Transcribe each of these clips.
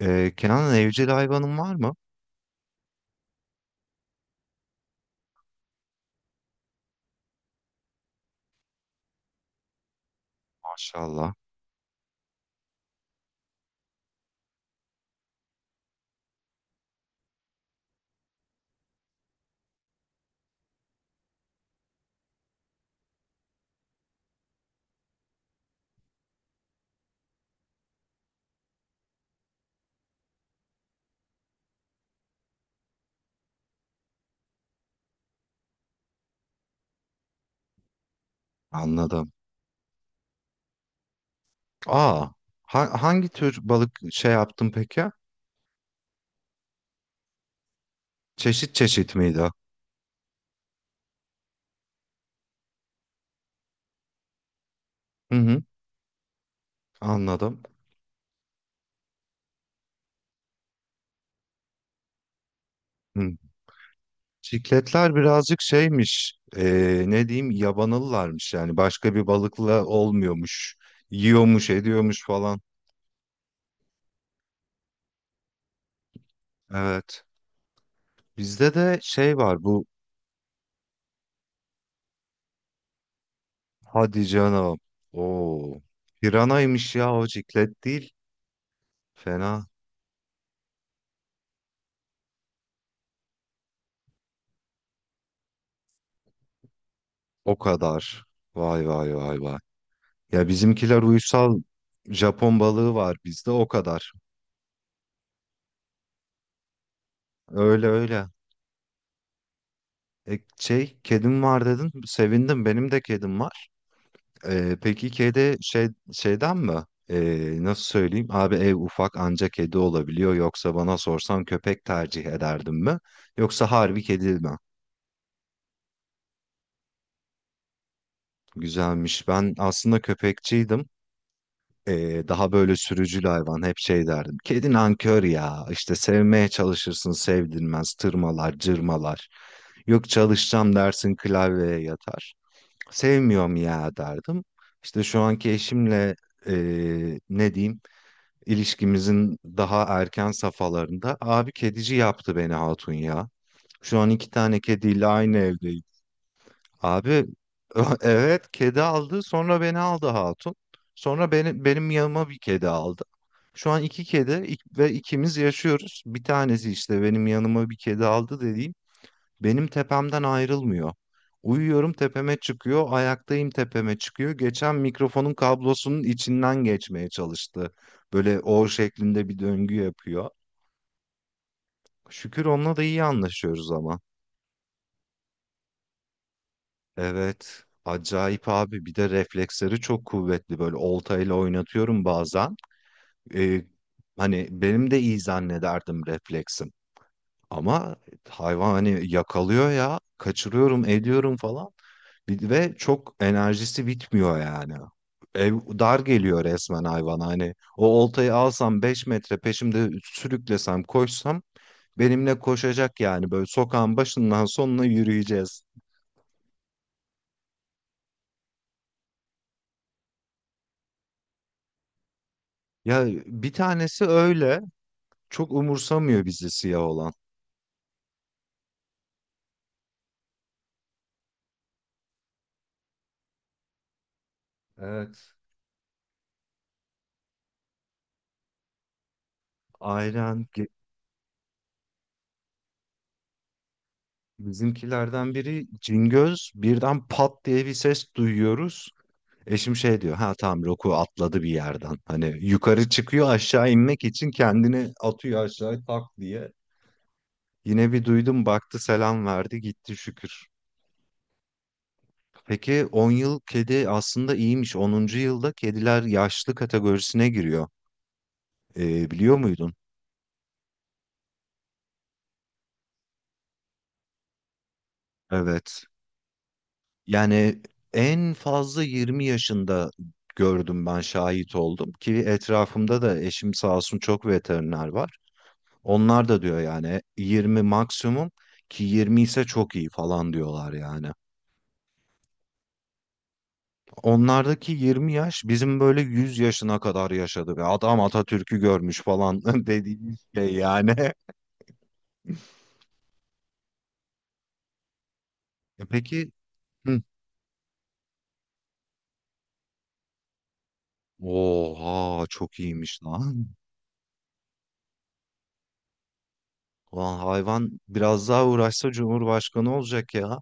Kenan, evcil hayvanın var mı? Maşallah. Anladım. Aa, hangi tür balık şey yaptın peki? Çeşit çeşit miydi? Hı hı, anladım. Hı. Çikletler birazcık şeymiş. Ne diyeyim, yabanalılarmış yani, başka bir balıkla olmuyormuş. Yiyormuş, ediyormuş falan. Evet. Bizde de şey var bu. Hadi canım. Oo. Piranaymış ya, o ciklet değil. Fena. O kadar. Vay vay vay vay. Ya bizimkiler uysal, Japon balığı var bizde, o kadar. Öyle öyle. E, şey, kedim var dedin. Sevindim. Benim de kedim var. E, peki kedi şey, şeyden mi? E, nasıl söyleyeyim? Abi ev ufak, anca kedi olabiliyor. Yoksa bana sorsan köpek tercih ederdim mi? Yoksa harbi kedi mi? Güzelmiş. Ben aslında köpekçiydim. Daha böyle sürücül hayvan, hep şey derdim. Kedi nankör ya, işte sevmeye çalışırsın sevdirmez, tırmalar cırmalar. Yok, çalışacağım dersin klavyeye yatar. Sevmiyorum ya derdim. İşte şu anki eşimle ne diyeyim, ilişkimizin daha erken safhalarında abi, kedici yaptı beni hatun ya. Şu an iki tane kediyle aynı evdeyiz. Abi evet, kedi aldı sonra beni aldı hatun. Sonra beni, benim yanıma bir kedi aldı. Şu an iki kedi, ve ikimiz yaşıyoruz. Bir tanesi, işte benim yanıma bir kedi aldı dediğim, benim tepemden ayrılmıyor. Uyuyorum tepeme çıkıyor, ayaktayım tepeme çıkıyor. Geçen mikrofonun kablosunun içinden geçmeye çalıştı. Böyle O şeklinde bir döngü yapıyor. Şükür onunla da iyi anlaşıyoruz ama. Evet. Acayip abi. Bir de refleksleri çok kuvvetli. Böyle oltayla oynatıyorum bazen. Ee, Hani benim de iyi zannederdim refleksim. Ama hayvan hani yakalıyor ya. Kaçırıyorum, ediyorum falan. Ve çok, enerjisi bitmiyor yani. Ev dar geliyor resmen hayvan. Hani o oltayı alsam 5 metre peşimde sürüklesem koşsam, benimle koşacak yani. Böyle sokağın başından sonuna yürüyeceğiz. Ya bir tanesi öyle. Çok umursamıyor bizi siyah olan. Evet. Aynen ge- Bizimkilerden biri Cingöz, birden pat diye bir ses duyuyoruz. Eşim şey diyor, ha tamam, Roku atladı bir yerden. Hani yukarı çıkıyor, aşağı inmek için kendini atıyor aşağı tak diye. Yine bir duydum, baktı selam verdi gitti, şükür. Peki 10 yıl kedi aslında iyiymiş. Onuncu yılda kediler yaşlı kategorisine giriyor. Biliyor muydun? Evet. Yani en fazla 20 yaşında gördüm ben, şahit oldum ki, etrafımda da eşim sağ olsun çok veteriner var. Onlar da diyor yani 20 maksimum, ki 20 ise çok iyi falan diyorlar yani. Onlardaki 20 yaş bizim böyle 100 yaşına kadar yaşadı ve adam Atatürk'ü görmüş falan dediğimiz şey yani. E peki, hı. Oha çok iyiymiş lan. Ulan hayvan biraz daha uğraşsa Cumhurbaşkanı olacak ya.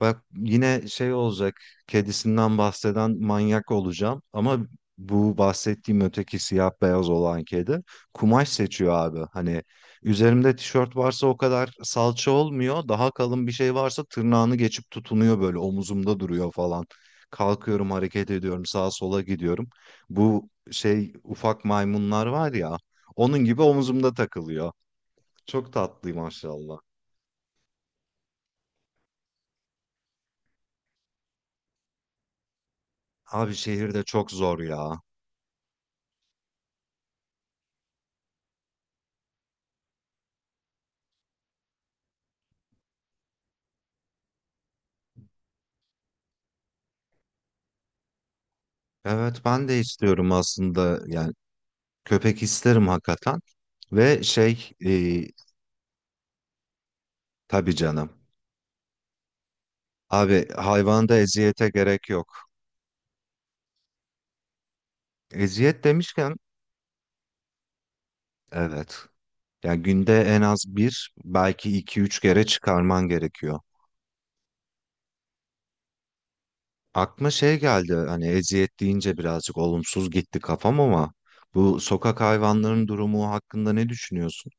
Bak yine şey olacak, kedisinden bahseden manyak olacağım ama, bu bahsettiğim öteki siyah beyaz olan kedi kumaş seçiyor abi. Hani üzerimde tişört varsa o kadar salça olmuyor, daha kalın bir şey varsa tırnağını geçip tutunuyor, böyle omuzumda duruyor falan. Kalkıyorum, hareket ediyorum, sağa sola gidiyorum. Bu şey ufak maymunlar var ya, onun gibi omuzumda takılıyor. Çok tatlı maşallah. Abi şehirde çok zor ya. Evet ben de istiyorum aslında yani, köpek isterim hakikaten ve şey, tabii canım, abi hayvanda eziyete gerek yok. Eziyet demişken, evet, yani günde en az bir, belki iki üç kere çıkarman gerekiyor. Aklıma şey geldi, hani eziyet deyince birazcık olumsuz gitti kafam ama, bu sokak hayvanların durumu hakkında ne düşünüyorsun?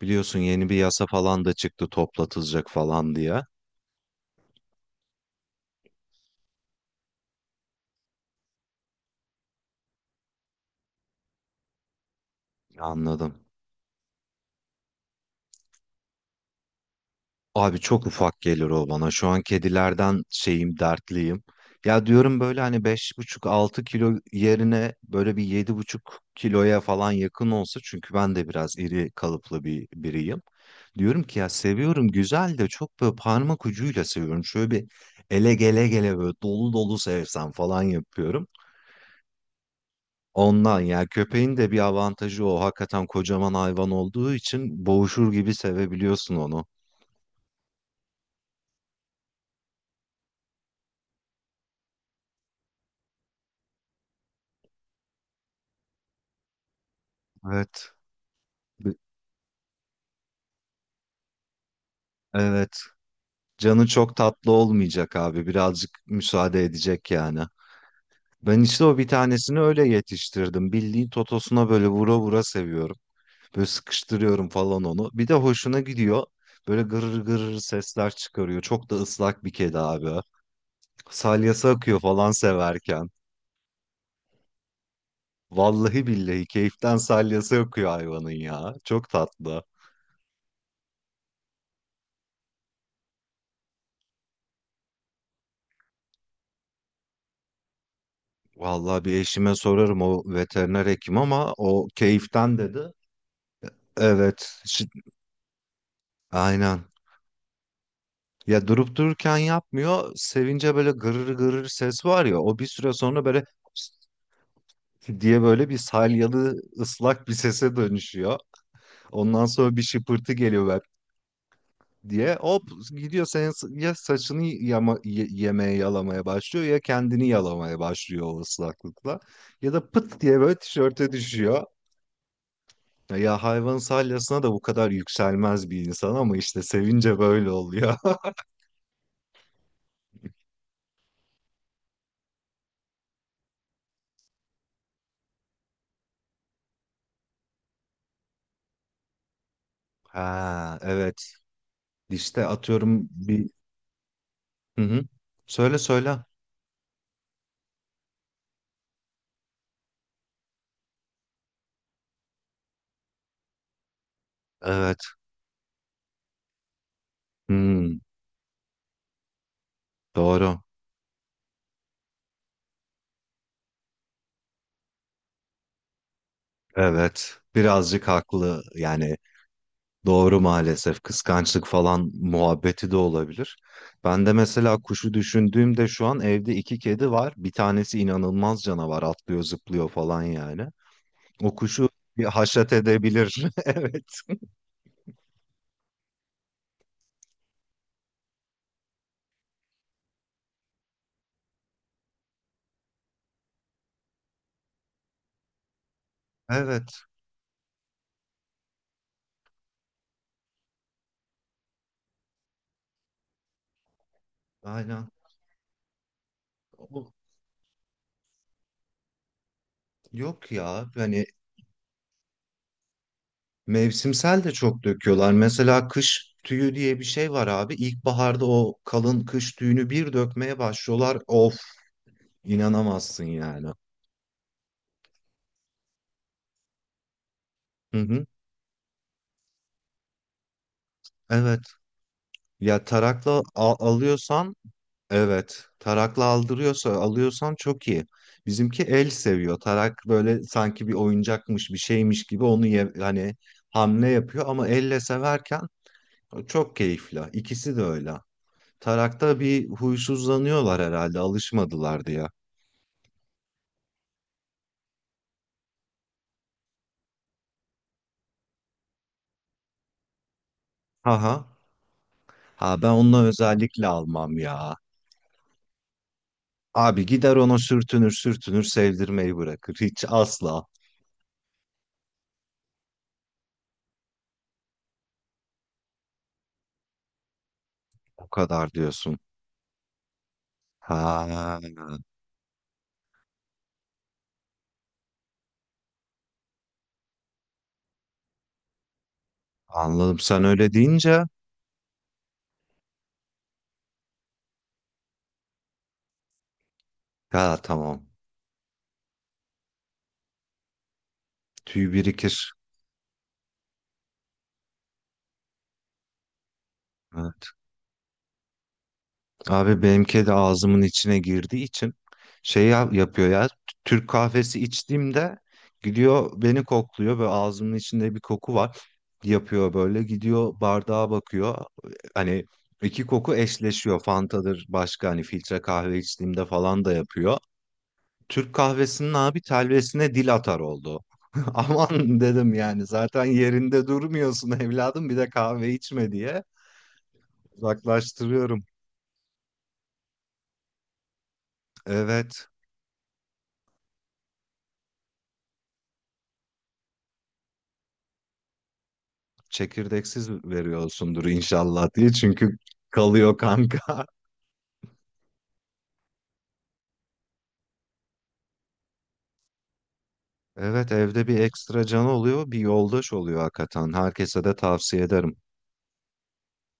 Biliyorsun yeni bir yasa falan da çıktı, toplatılacak falan diye. Anladım. Abi çok ufak gelir o bana. Şu an kedilerden şeyim, dertliyim. Ya diyorum böyle hani 5,5 6 kilo yerine böyle bir 7,5 kiloya falan yakın olsa, çünkü ben de biraz iri kalıplı bir biriyim. Diyorum ki ya, seviyorum güzel de çok böyle parmak ucuyla seviyorum. Şöyle bir ele gele gele böyle dolu dolu sevsem falan yapıyorum. Ondan ya, köpeğin de bir avantajı o. Hakikaten kocaman hayvan olduğu için boğuşur gibi sevebiliyorsun onu. Evet. Bi- Evet. Canı çok tatlı olmayacak abi. Birazcık müsaade edecek yani. Ben işte o bir tanesini öyle yetiştirdim. Bildiğin totosuna böyle vura vura seviyorum. Böyle sıkıştırıyorum falan onu. Bir de hoşuna gidiyor. Böyle gırır gırır sesler çıkarıyor. Çok da ıslak bir kedi abi. Salyası akıyor falan severken. Vallahi billahi keyiften salyası akıyor hayvanın ya. Çok tatlı. Vallahi, bir eşime sorarım o, veteriner hekim, ama o keyiften dedi. Evet, aynen. Ya durup dururken yapmıyor. Sevince böyle gırır gırır ses var ya, o bir süre sonra böyle diye böyle bir salyalı ıslak bir sese dönüşüyor. Ondan sonra bir şıpırtı geliyor böyle diye. Hop gidiyor, senin ya saçını yama, yemeye yalamaya başlıyor ya, kendini yalamaya başlıyor o ıslaklıkla. Ya da pıt diye böyle tişörte düşüyor. Ya hayvan salyasına da bu kadar yükselmez bir insan ama işte sevince böyle oluyor. Ha evet, işte atıyorum bir. Hı hı. Söyle söyle. Evet. Hmm, doğru. Evet. Birazcık haklı. Yani doğru maalesef. Kıskançlık falan muhabbeti de olabilir. Ben de mesela kuşu düşündüğümde, şu an evde iki kedi var. Bir tanesi inanılmaz canavar. Atlıyor, zıplıyor falan yani. O kuşu bir haşat edebilir. Evet. Evet. Aynen. O- Yok ya. Hani mevsimsel de çok döküyorlar. Mesela kış tüyü diye bir şey var abi. İlkbaharda o kalın kış tüyünü bir dökmeye başlıyorlar. Of, inanamazsın yani. Hı hı. Evet. Ya tarakla alıyorsan, evet. Tarakla aldırıyorsa, alıyorsan çok iyi. Bizimki el seviyor. Tarak böyle sanki bir oyuncakmış bir şeymiş gibi, onu hani hamle yapıyor, ama elle severken çok keyifli. İkisi de öyle. Tarakta bir huysuzlanıyorlar herhalde, alışmadılar diye. Aha. Ha, ben onunla özellikle almam ya. Abi gider ona sürtünür sürtünür, sevdirmeyi bırakır. Hiç asla. O kadar diyorsun. Ha anladım. Sen öyle deyince ha, tamam. Tüy birikir. Abi benimki de ağzımın içine girdiği için şey yapıyor ya. Türk kahvesi içtiğimde gidiyor beni kokluyor ve ağzımın içinde bir koku var. Yapıyor böyle, gidiyor bardağa bakıyor. Hani iki koku eşleşiyor. Fanta'dır, başka hani filtre kahve içtiğimde falan da yapıyor. Türk kahvesinin abi telvesine dil atar oldu. Aman dedim yani, zaten yerinde durmuyorsun evladım, bir de kahve içme diye uzaklaştırıyorum. Evet. Çekirdeksiz veriyorsundur inşallah diye. Çünkü kalıyor kanka. Evet, evde bir ekstra canı oluyor, bir yoldaş oluyor hakikaten. Herkese de tavsiye ederim.